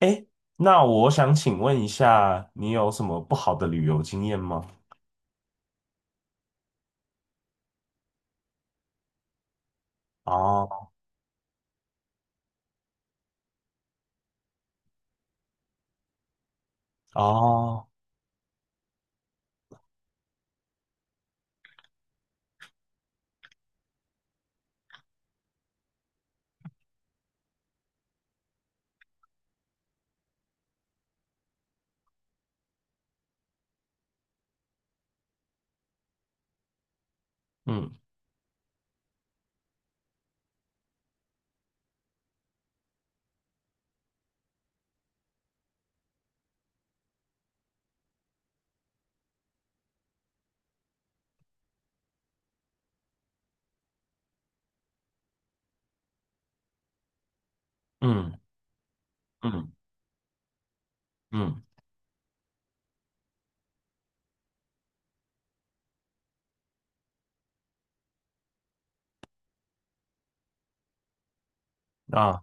哎，那我想请问一下，你有什么不好的旅游经验吗？哦哦，嗯嗯嗯嗯啊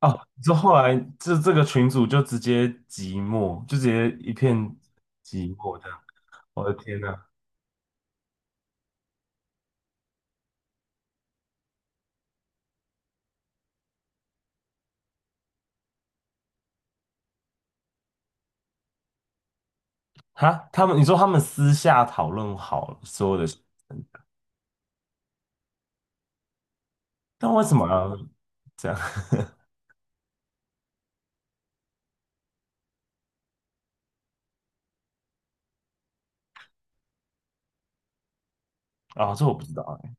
啊！说后来这个群主就直接寂寞，就直接一片寂寞这样。我的天呐！哈，他们你说他们私下讨论好了所有的事，但为什么要这样？啊、这我不知道哎、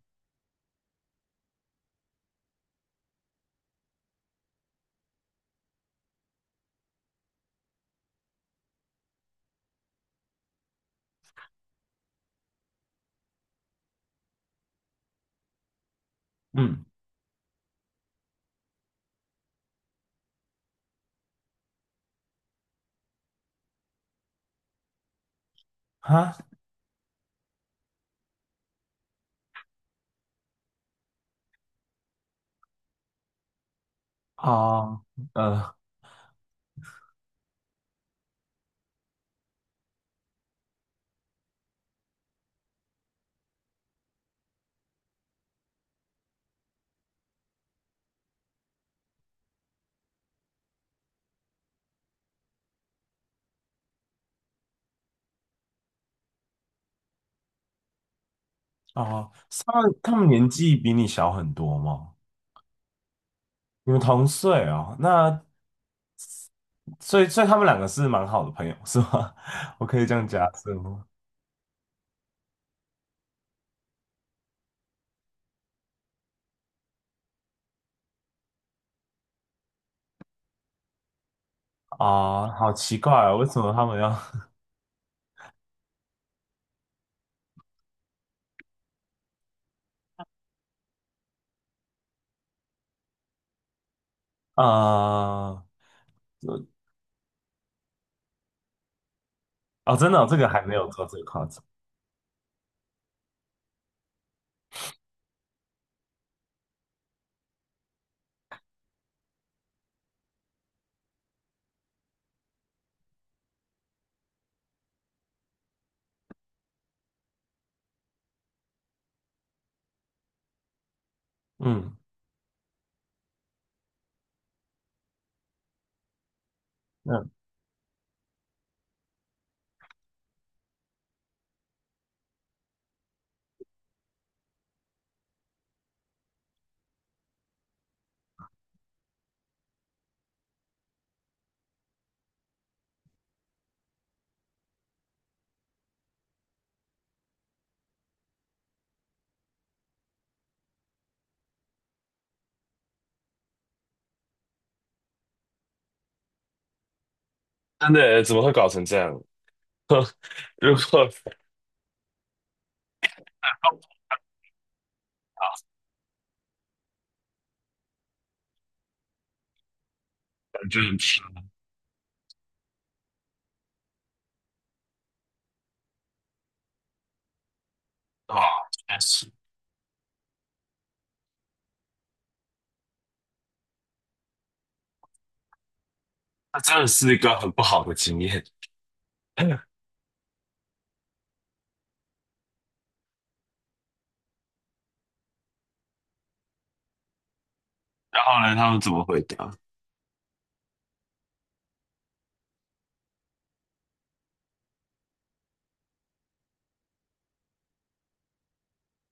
嗯，哈啊呃啊，他们年纪比你小很多吗？你们同岁哦，那所以他们两个是蛮好的朋友，是吗？我可以这样假设吗？啊、好奇怪哦，为什么他们要 啊、哦，真的哦、这个还没有做这个夸张。嗯嗯，真的耶，怎么会搞成这样？如果就很吃的话确实，那真的是一个很不好的经验。然后呢，他们怎么回答？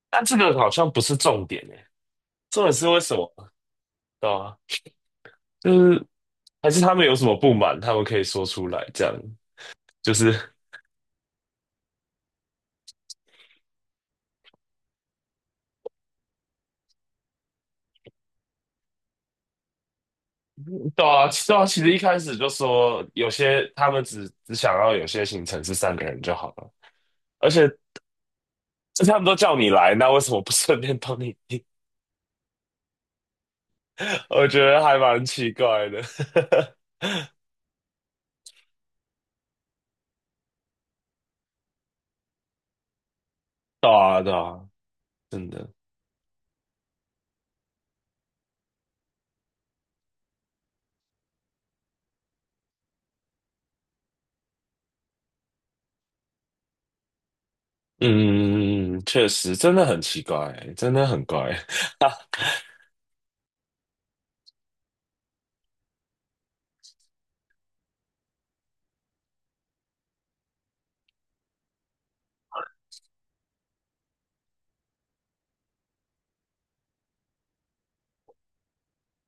但这个好像不是重点诶，重点是为什么？对啊，就是还是他们有什么不满，他们可以说出来，这样就是。 对啊，对啊，其实一开始就说有些他们只想要有些行程是三个人就好了，而且这他们都叫你来，那为什么不顺便帮你订？我觉得还蛮奇怪的，对啊对啊，真的，嗯嗯嗯嗯，确实真的很奇怪，真的很怪，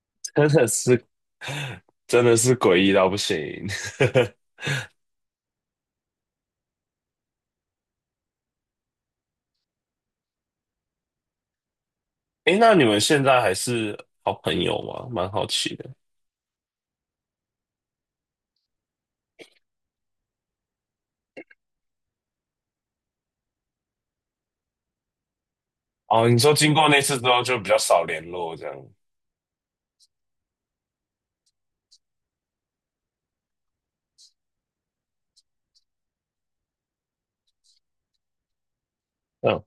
真的是真的是诡异到不行。诶，那你们现在还是好朋友吗？蛮好奇的。哦，你说经过那次之后就比较少联络这样。嗯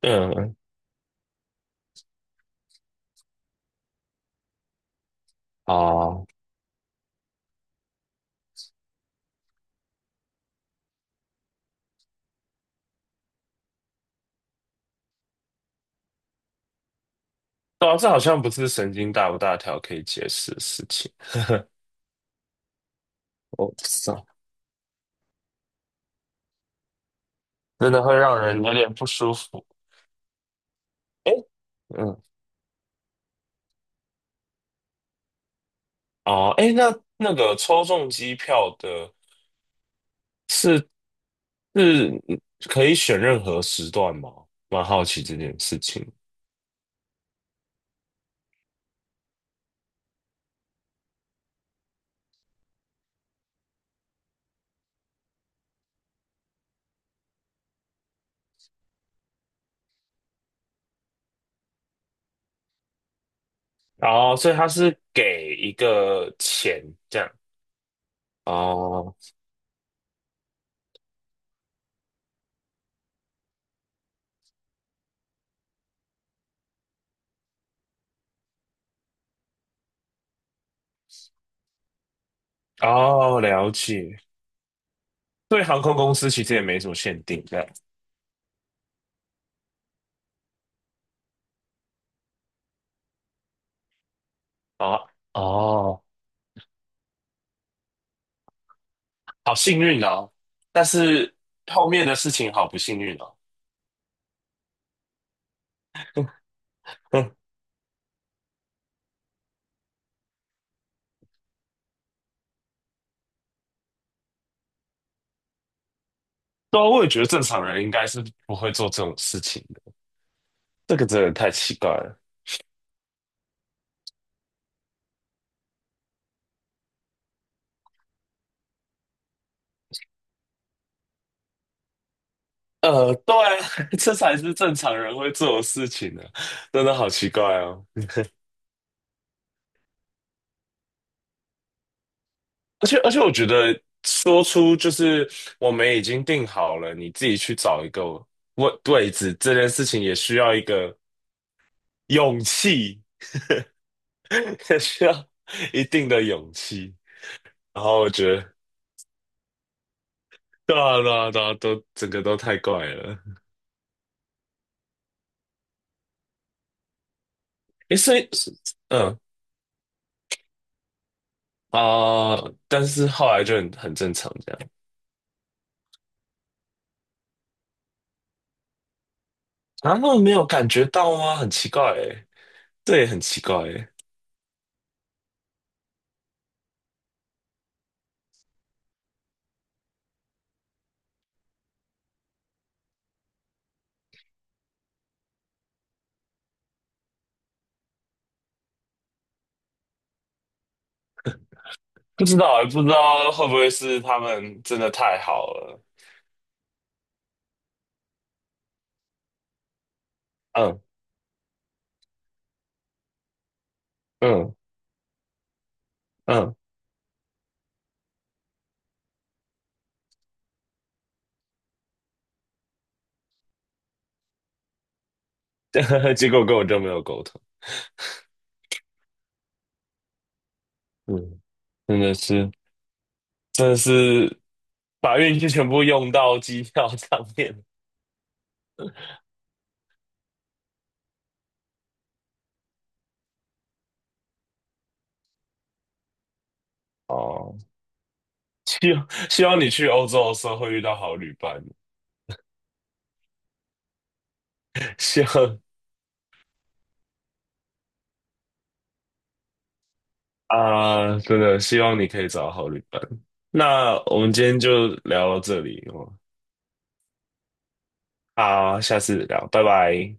嗯，嗯哦，对啊这好像不是神经大不大条可以解释的事情。我不知道，真的会让人有点不舒服。哎，嗯，哦，哎，那那个抽中机票的是是可以选任何时段吗？蛮好奇这件事情。哦，所以他是给一个钱这样。哦哦，了解。对航空公司其实也没什么限定，这样。啊，哦，好幸运哦！但是后面的事情好不幸运哦。嗯，对啊，我也觉得正常人应该是不会做这种事情的，这个真的太奇怪了。对啊 这才是正常人会做的事情呢、真的好奇怪哦。而且，我觉得说出就是我们已经定好了，你自己去找一个位置，这件事情也需要一个勇气，也需要一定的勇气。然后我觉得。对啊，对啊，对啊，都整个都太怪了。诶，所以，嗯啊、但是后来就很正常这样。啊，他们没有感觉到吗？很奇怪诶，这也很奇怪诶，不知道诶，不知道会不会是他们真的太好了？嗯嗯嗯，结果跟我就没有沟通。嗯，真的是，真的是把运气全部用到机票上面。哦，希望你去欧洲的时候会遇到好旅伴，希望。啊，真的希望你可以找到好旅伴。那我们今天就聊到这里哦，好，下次聊，拜拜。